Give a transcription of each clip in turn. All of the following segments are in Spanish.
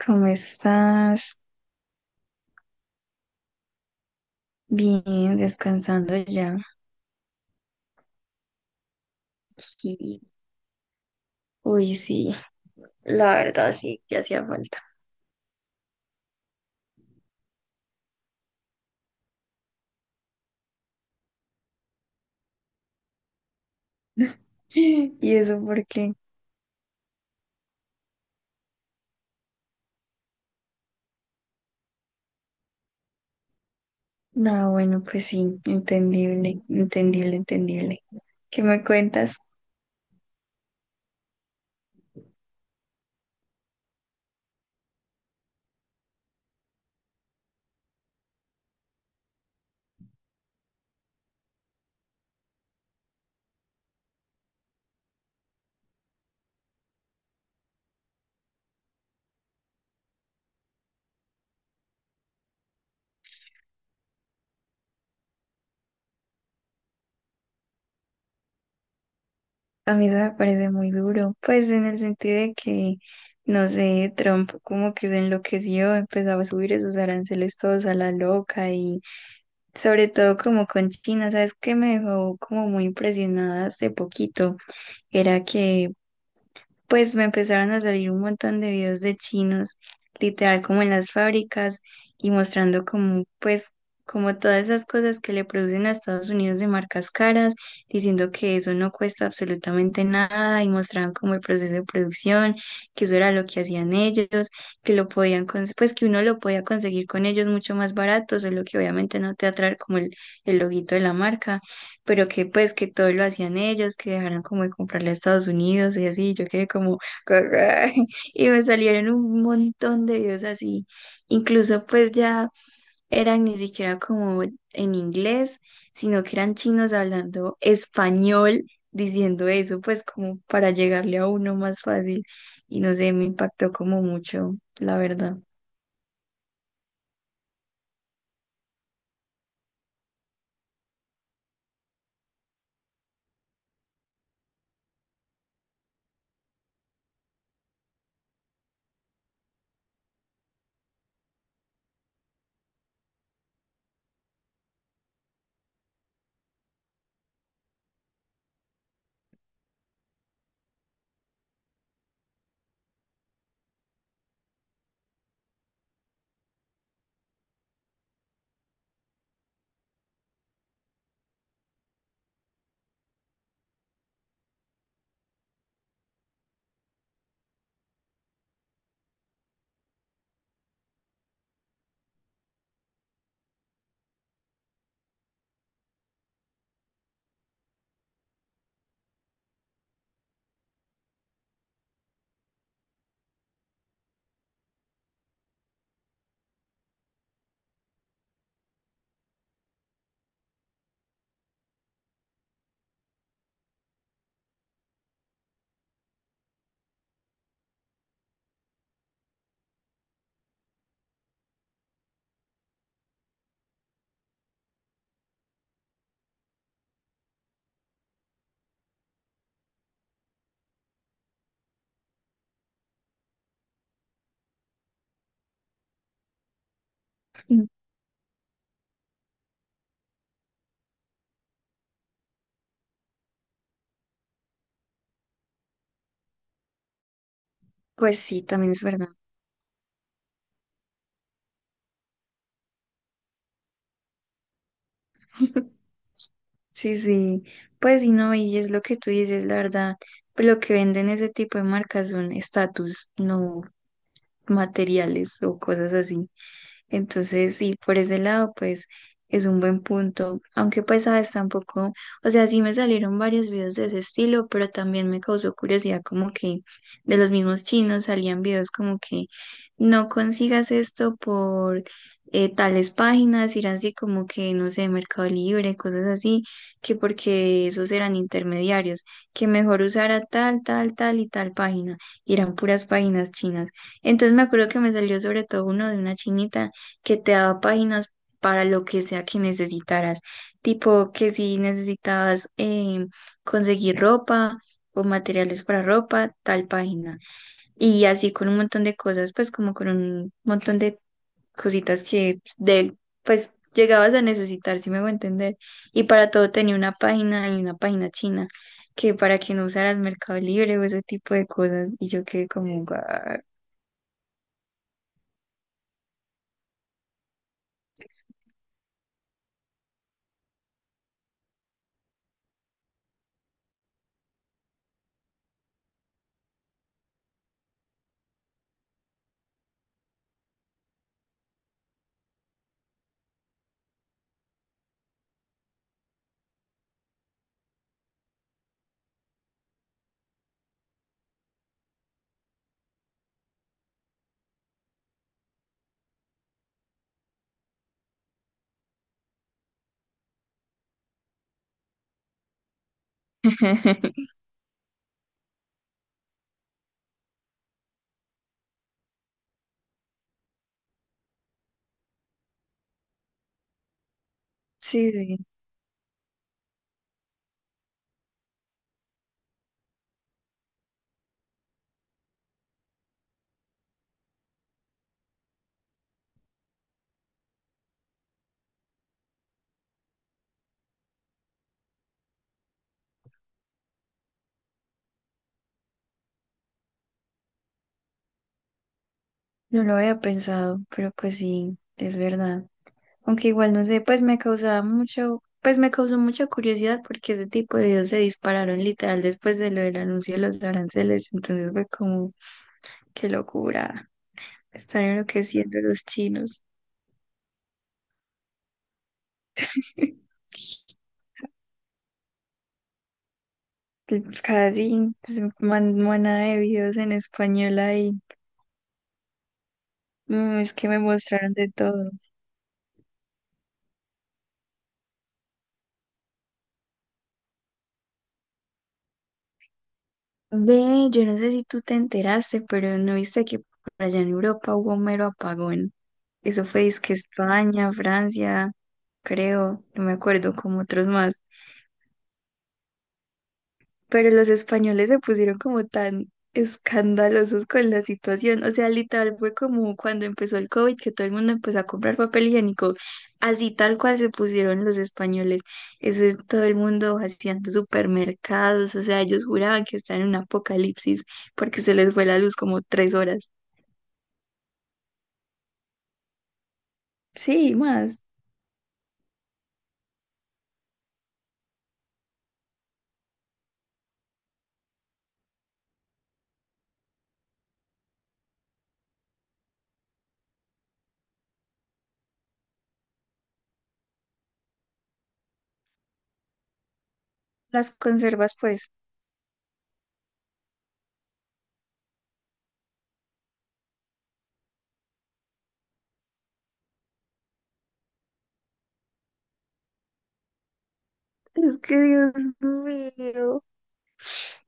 ¿Cómo estás? Bien, descansando ya. Y, uy, sí, la verdad sí, que hacía falta. ¿Y eso por qué? No, bueno, pues sí, entendible, entendible, entendible. ¿Qué me cuentas? A mí eso me parece muy duro, pues en el sentido de que, no sé, Trump como que se enloqueció, empezaba a subir esos aranceles todos a la loca. Sobre todo como con China, ¿sabes qué me dejó como muy impresionada hace poquito? Era que pues me empezaron a salir un montón de videos de chinos, literal como en las fábricas y mostrando como pues como todas esas cosas que le producen a Estados Unidos de marcas caras, diciendo que eso no cuesta absolutamente nada y mostraban como el proceso de producción, que eso era lo que hacían ellos, que lo podían pues que uno lo podía conseguir con ellos mucho más barato, solo que obviamente no te atrae como el loguito de la marca, pero que pues que todo lo hacían ellos, que dejaran como de comprarle a Estados Unidos y así, yo quedé como, y me salieron un montón de videos así, incluso pues ya eran ni siquiera como en inglés, sino que eran chinos hablando español, diciendo eso, pues como para llegarle a uno más fácil, y no sé, me impactó como mucho, la verdad. Pues sí, también es verdad. Sí, sí, pues sí, no, y es lo que tú dices, la verdad, pues lo que venden ese tipo de marcas son estatus, no materiales o cosas así. Entonces, sí, por ese lado, pues es un buen punto. Aunque pues, sabes, tampoco, o sea, sí me salieron varios videos de ese estilo, pero también me causó curiosidad como que de los mismos chinos salían videos como que no consigas esto por tales páginas, ir así como que, no sé, Mercado Libre, cosas así, que porque esos eran intermediarios, que mejor usara tal, tal, tal y tal página, y eran puras páginas chinas. Entonces me acuerdo que me salió sobre todo uno de una chinita que te daba páginas para lo que sea que necesitaras. Tipo que si necesitabas conseguir ropa o materiales para ropa, tal página. Y así con un montón de cosas, pues como con un montón de cositas que de, pues llegabas a necesitar, si me hago entender. Y para todo tenía una página y una página china, que para que no usaras Mercado Libre o ese tipo de cosas. Y yo quedé como, "Guau". Sí, sí. No lo había pensado, pero pues sí, es verdad. Aunque igual no sé, pues me causaba mucho, pues me causó mucha curiosidad porque ese tipo de videos se dispararon literal después de lo del anuncio de los aranceles. Entonces fue como, qué locura, están enloqueciendo los chinos. Casi pues, manada de videos en español ahí. Mm, es que me mostraron de todo. Ve, yo no sé si tú te enteraste, pero no viste que por allá en Europa hubo un mero apagón. Eso fue que España, Francia, creo, no me acuerdo, como otros más. Pero los españoles se pusieron como tan escandalosos con la situación. O sea, literal fue como cuando empezó el COVID, que todo el mundo empezó a comprar papel higiénico. Así tal cual se pusieron los españoles. Eso es todo el mundo vaciando supermercados. O sea, ellos juraban que estaban en un apocalipsis porque se les fue la luz como 3 horas. Sí, más. Las conservas, pues. Es que Dios mío.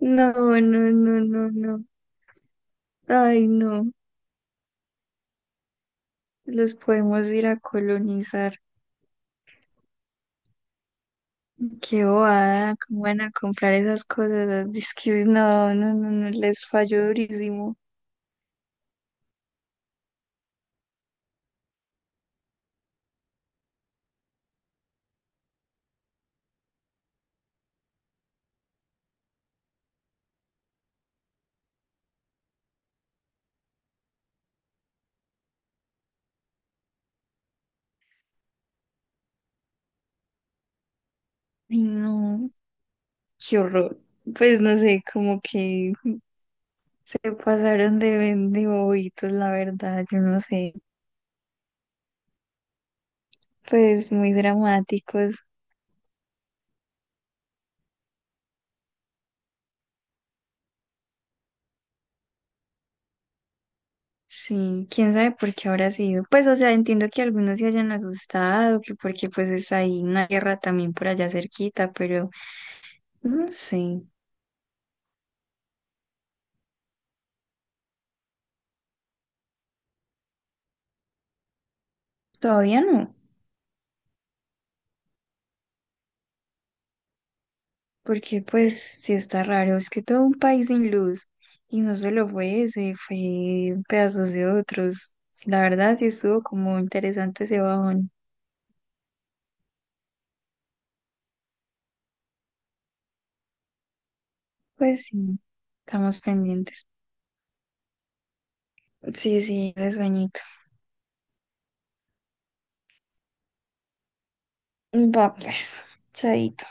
No, no, no, no, no. Ay, no. Los podemos ir a colonizar. Qué bobada, cómo van a comprar esas cosas. Ah, es que no, no, no, no, les falló durísimo. Ay, no, qué horror. Pues no sé, como que se pasaron de, de bobitos, la verdad, yo no sé. Pues muy dramáticos. Sí, quién sabe por qué habrá sido. Pues, o sea, entiendo que algunos se hayan asustado, que porque pues está ahí una guerra también por allá cerquita, pero no sé, todavía no. Porque pues sí está raro, es que todo un país sin luz y no solo fue ese, fue pedazos de otros. La verdad sí estuvo como interesante ese bajón. Pues sí, estamos pendientes. Sí, sí, de sueñito. Va pues, chaito.